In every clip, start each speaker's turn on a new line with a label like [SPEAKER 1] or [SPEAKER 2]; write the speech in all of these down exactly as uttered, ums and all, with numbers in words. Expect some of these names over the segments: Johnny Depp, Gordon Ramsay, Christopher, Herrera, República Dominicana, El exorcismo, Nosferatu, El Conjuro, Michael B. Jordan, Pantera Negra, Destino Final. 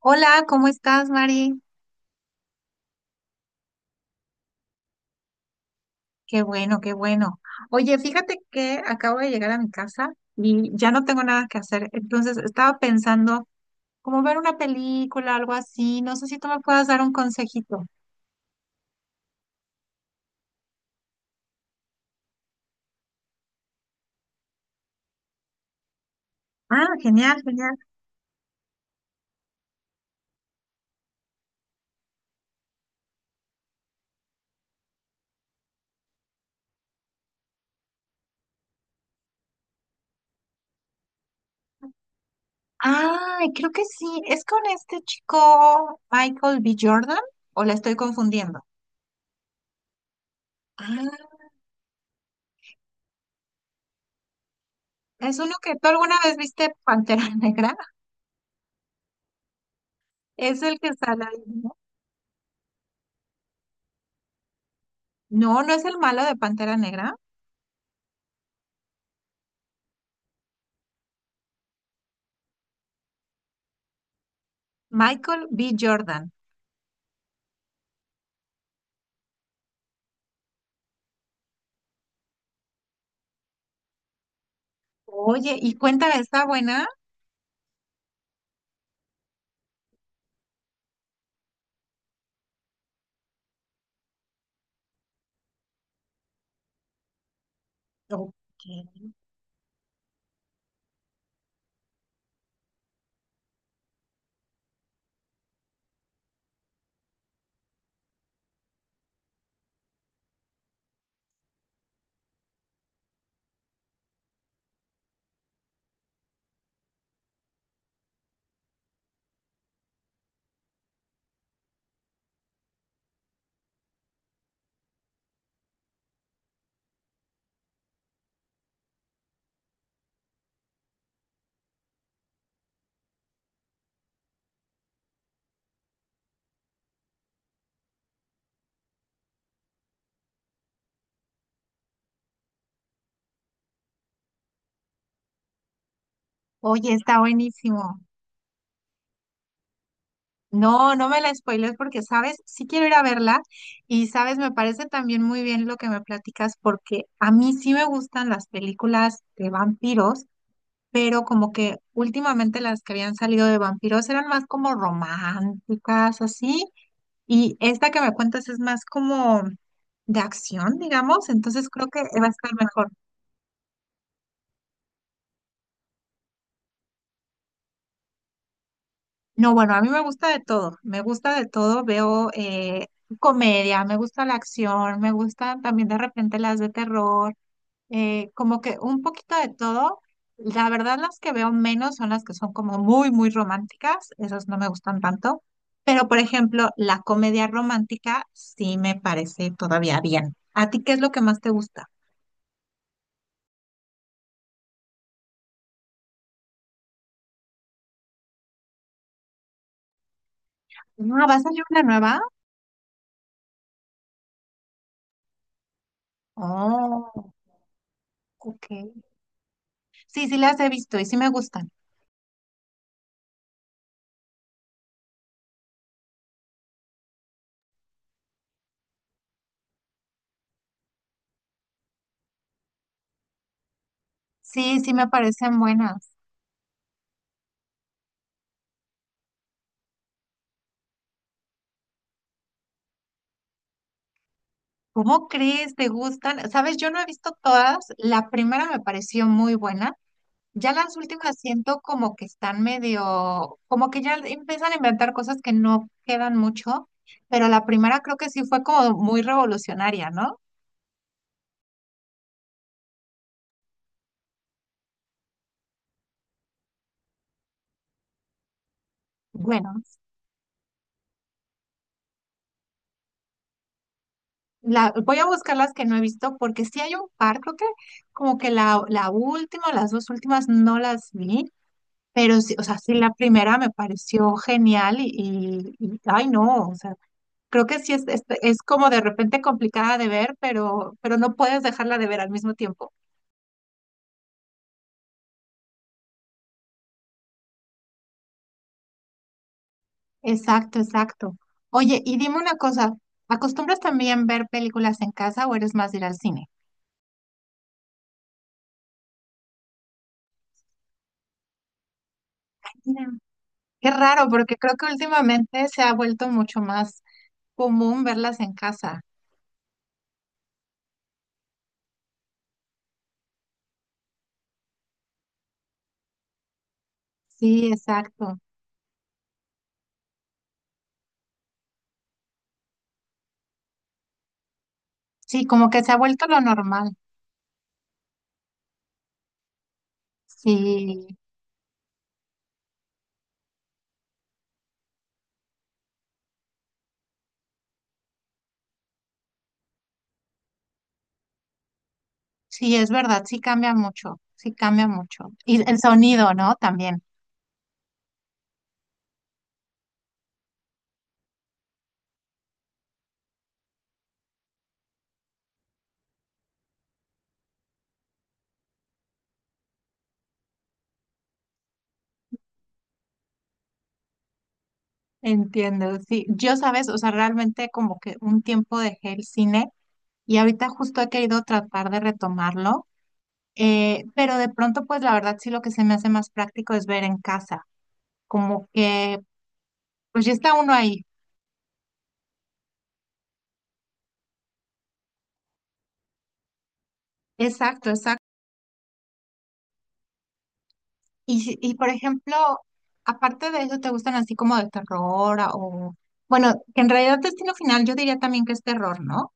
[SPEAKER 1] Hola, ¿cómo estás, Mari? Qué bueno, qué bueno. Oye, fíjate que acabo de llegar a mi casa y ya no tengo nada que hacer. Entonces estaba pensando como ver una película, algo así. No sé si tú me puedas dar un consejito. Ah, genial, genial. Ay, creo que sí. ¿Es con este chico Michael B. Jordan o la estoy confundiendo? Ah, es uno que tú alguna vez viste Pantera Negra. Es el que sale ahí, ¿no? No, no es el malo de Pantera Negra. Michael B. Jordan. Oye, y cuéntame, ¿está buena? Ok. Oye, está buenísimo. No, no me la spoiles porque, sabes, sí quiero ir a verla y, sabes, me parece también muy bien lo que me platicas porque a mí sí me gustan las películas de vampiros, pero como que últimamente las que habían salido de vampiros eran más como románticas, así, y esta que me cuentas es más como de acción, digamos, entonces creo que va a estar mejor. No, bueno, a mí me gusta de todo, me gusta de todo, veo eh, comedia, me gusta la acción, me gustan también de repente las de terror, eh, como que un poquito de todo. La verdad, las que veo menos son las que son como muy, muy románticas, esas no me gustan tanto, pero por ejemplo, la comedia romántica sí me parece todavía bien. ¿A ti qué es lo que más te gusta? Ah, ¿vas a ver una nueva? Oh, ok. Sí, sí las he visto y sí me gustan. Sí, sí me parecen buenas. ¿Cómo crees? ¿Te gustan? Sabes, yo no he visto todas. La primera me pareció muy buena. Ya las últimas siento como que están medio, como que ya empiezan a inventar cosas que no quedan mucho, pero la primera creo que sí fue como muy revolucionaria, ¿no? Bueno, la, voy a buscar las que no he visto porque sí hay un par, creo que como que la, la última, o las dos últimas no las vi, pero sí, o sea, sí la primera me pareció genial, y, y, y- ay no, o sea. Creo que sí es, es, es como de repente complicada de ver, pero, pero no puedes dejarla de ver al mismo tiempo. Exacto, exacto. Oye, y dime una cosa, ¿acostumbras también ver películas en casa o eres más de ir al cine? Mira. Qué raro, porque creo que últimamente se ha vuelto mucho más común verlas en casa. Sí, exacto. Sí, como que se ha vuelto lo normal. Sí, sí, es verdad, sí cambia mucho, sí cambia mucho. Y el sonido, ¿no? También. Entiendo, sí. Yo, sabes, o sea, realmente como que un tiempo dejé el cine y ahorita justo he querido tratar de retomarlo, eh, pero de pronto, pues la verdad sí lo que se me hace más práctico es ver en casa, como que, pues ya está uno ahí. Exacto, exacto. Y, si- y por ejemplo, aparte de eso, ¿te gustan así como de terror a- o, bueno, que en realidad Destino Final yo diría también que es terror, ¿no?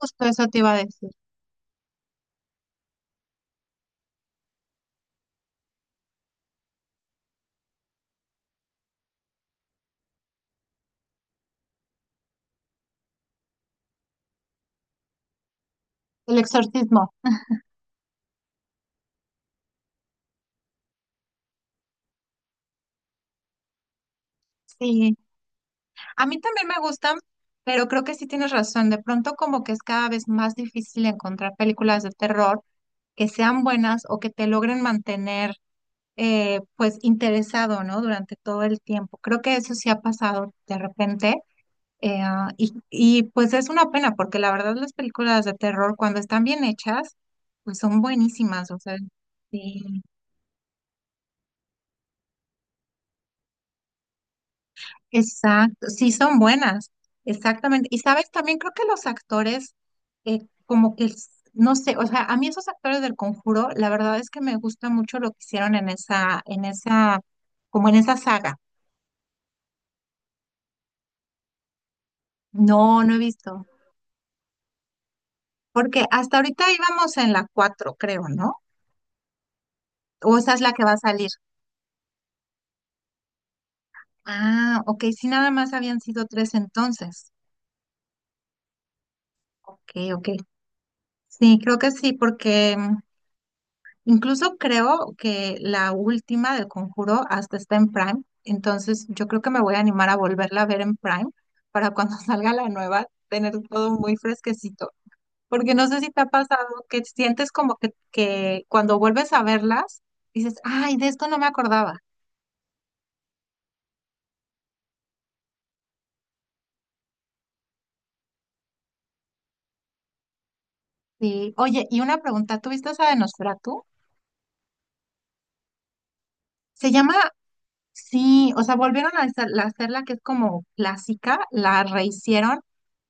[SPEAKER 1] Justo eso te iba a decir. El exorcismo. Sí, a mí también me gustan, pero creo que sí tienes razón. De pronto como que es cada vez más difícil encontrar películas de terror que sean buenas o que te logren mantener eh, pues interesado, ¿no? Durante todo el tiempo. Creo que eso sí ha pasado de repente. eh, ah, y, y pues es una pena porque la verdad las películas de terror cuando están bien hechas, pues son buenísimas. O sea, sí. Exacto, sí son buenas, exactamente. Y sabes, también creo que los actores, eh, como que, s- no sé, o sea, a mí esos actores del Conjuro, la verdad es que me gusta mucho lo que hicieron en esa, en esa, como en esa saga. No, no he visto, porque hasta ahorita íbamos en la cuatro, creo, ¿no? O esa es la que va a salir. Ah, ok, sí, nada más habían sido tres entonces. Ok, ok. Sí, creo que sí, porque incluso creo que la última del Conjuro hasta está en Prime, entonces yo creo que me voy a animar a volverla a ver en Prime para cuando salga la nueva tener todo muy fresquecito, porque no sé si te ha pasado que sientes como que, que cuando vuelves a verlas dices, ay, de esto no me acordaba. Sí. Oye, y una pregunta, ¿tú viste esa de Nosferatu? Se llama, sí, o sea, volvieron a hacer- a hacerla que es como clásica, la rehicieron,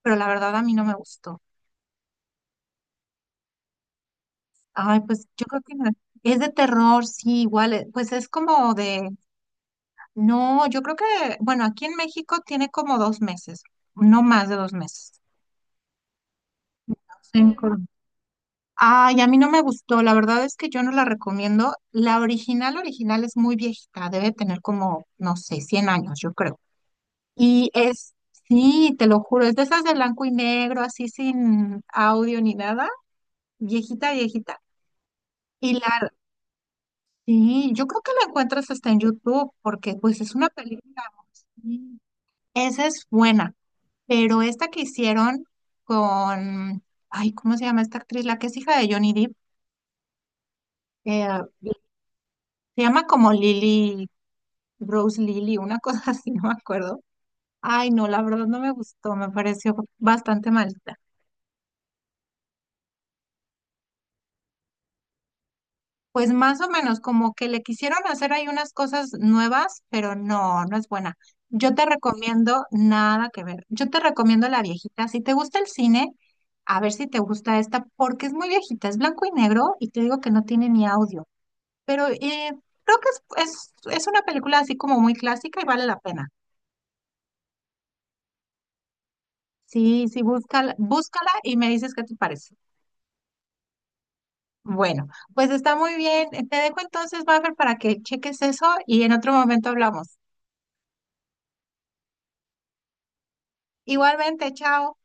[SPEAKER 1] pero la verdad a mí no me gustó. Ay, pues yo creo que no. Es de terror, sí, igual, eh, pues es como de, no, yo creo que, bueno, aquí en México tiene como dos meses, no más de dos meses. En Colombia. Ay, a mí no me gustó, la verdad es que yo no la recomiendo. La original, original es muy viejita, debe tener como, no sé, cien años, yo creo. Y es, sí, te lo juro, es de esas de blanco y negro, así sin audio ni nada, viejita, viejita. Y la Sí, yo creo que la encuentras hasta en YouTube, porque pues es una película. Sí, esa es buena, pero esta que hicieron con, ay, ¿cómo se llama esta actriz? La que es hija de Johnny Depp, eh, se llama como Lily, Rose Lily, una cosa así, no me acuerdo. Ay, no, la verdad no me gustó, me pareció bastante malita. Pues más o menos, como que le quisieron hacer ahí unas cosas nuevas, pero no, no es buena. Yo te recomiendo nada que ver. Yo te recomiendo la viejita. Si te gusta el cine, a ver si te gusta esta, porque es muy viejita, es blanco y negro y te digo que no tiene ni audio. Pero eh, creo que es, es, es una película así como muy clásica y vale la pena. Sí, sí, búscala, búscala y me dices qué te parece. Bueno, pues está muy bien. Te dejo entonces, Maffer, para que cheques eso y en otro momento hablamos. Igualmente, chao.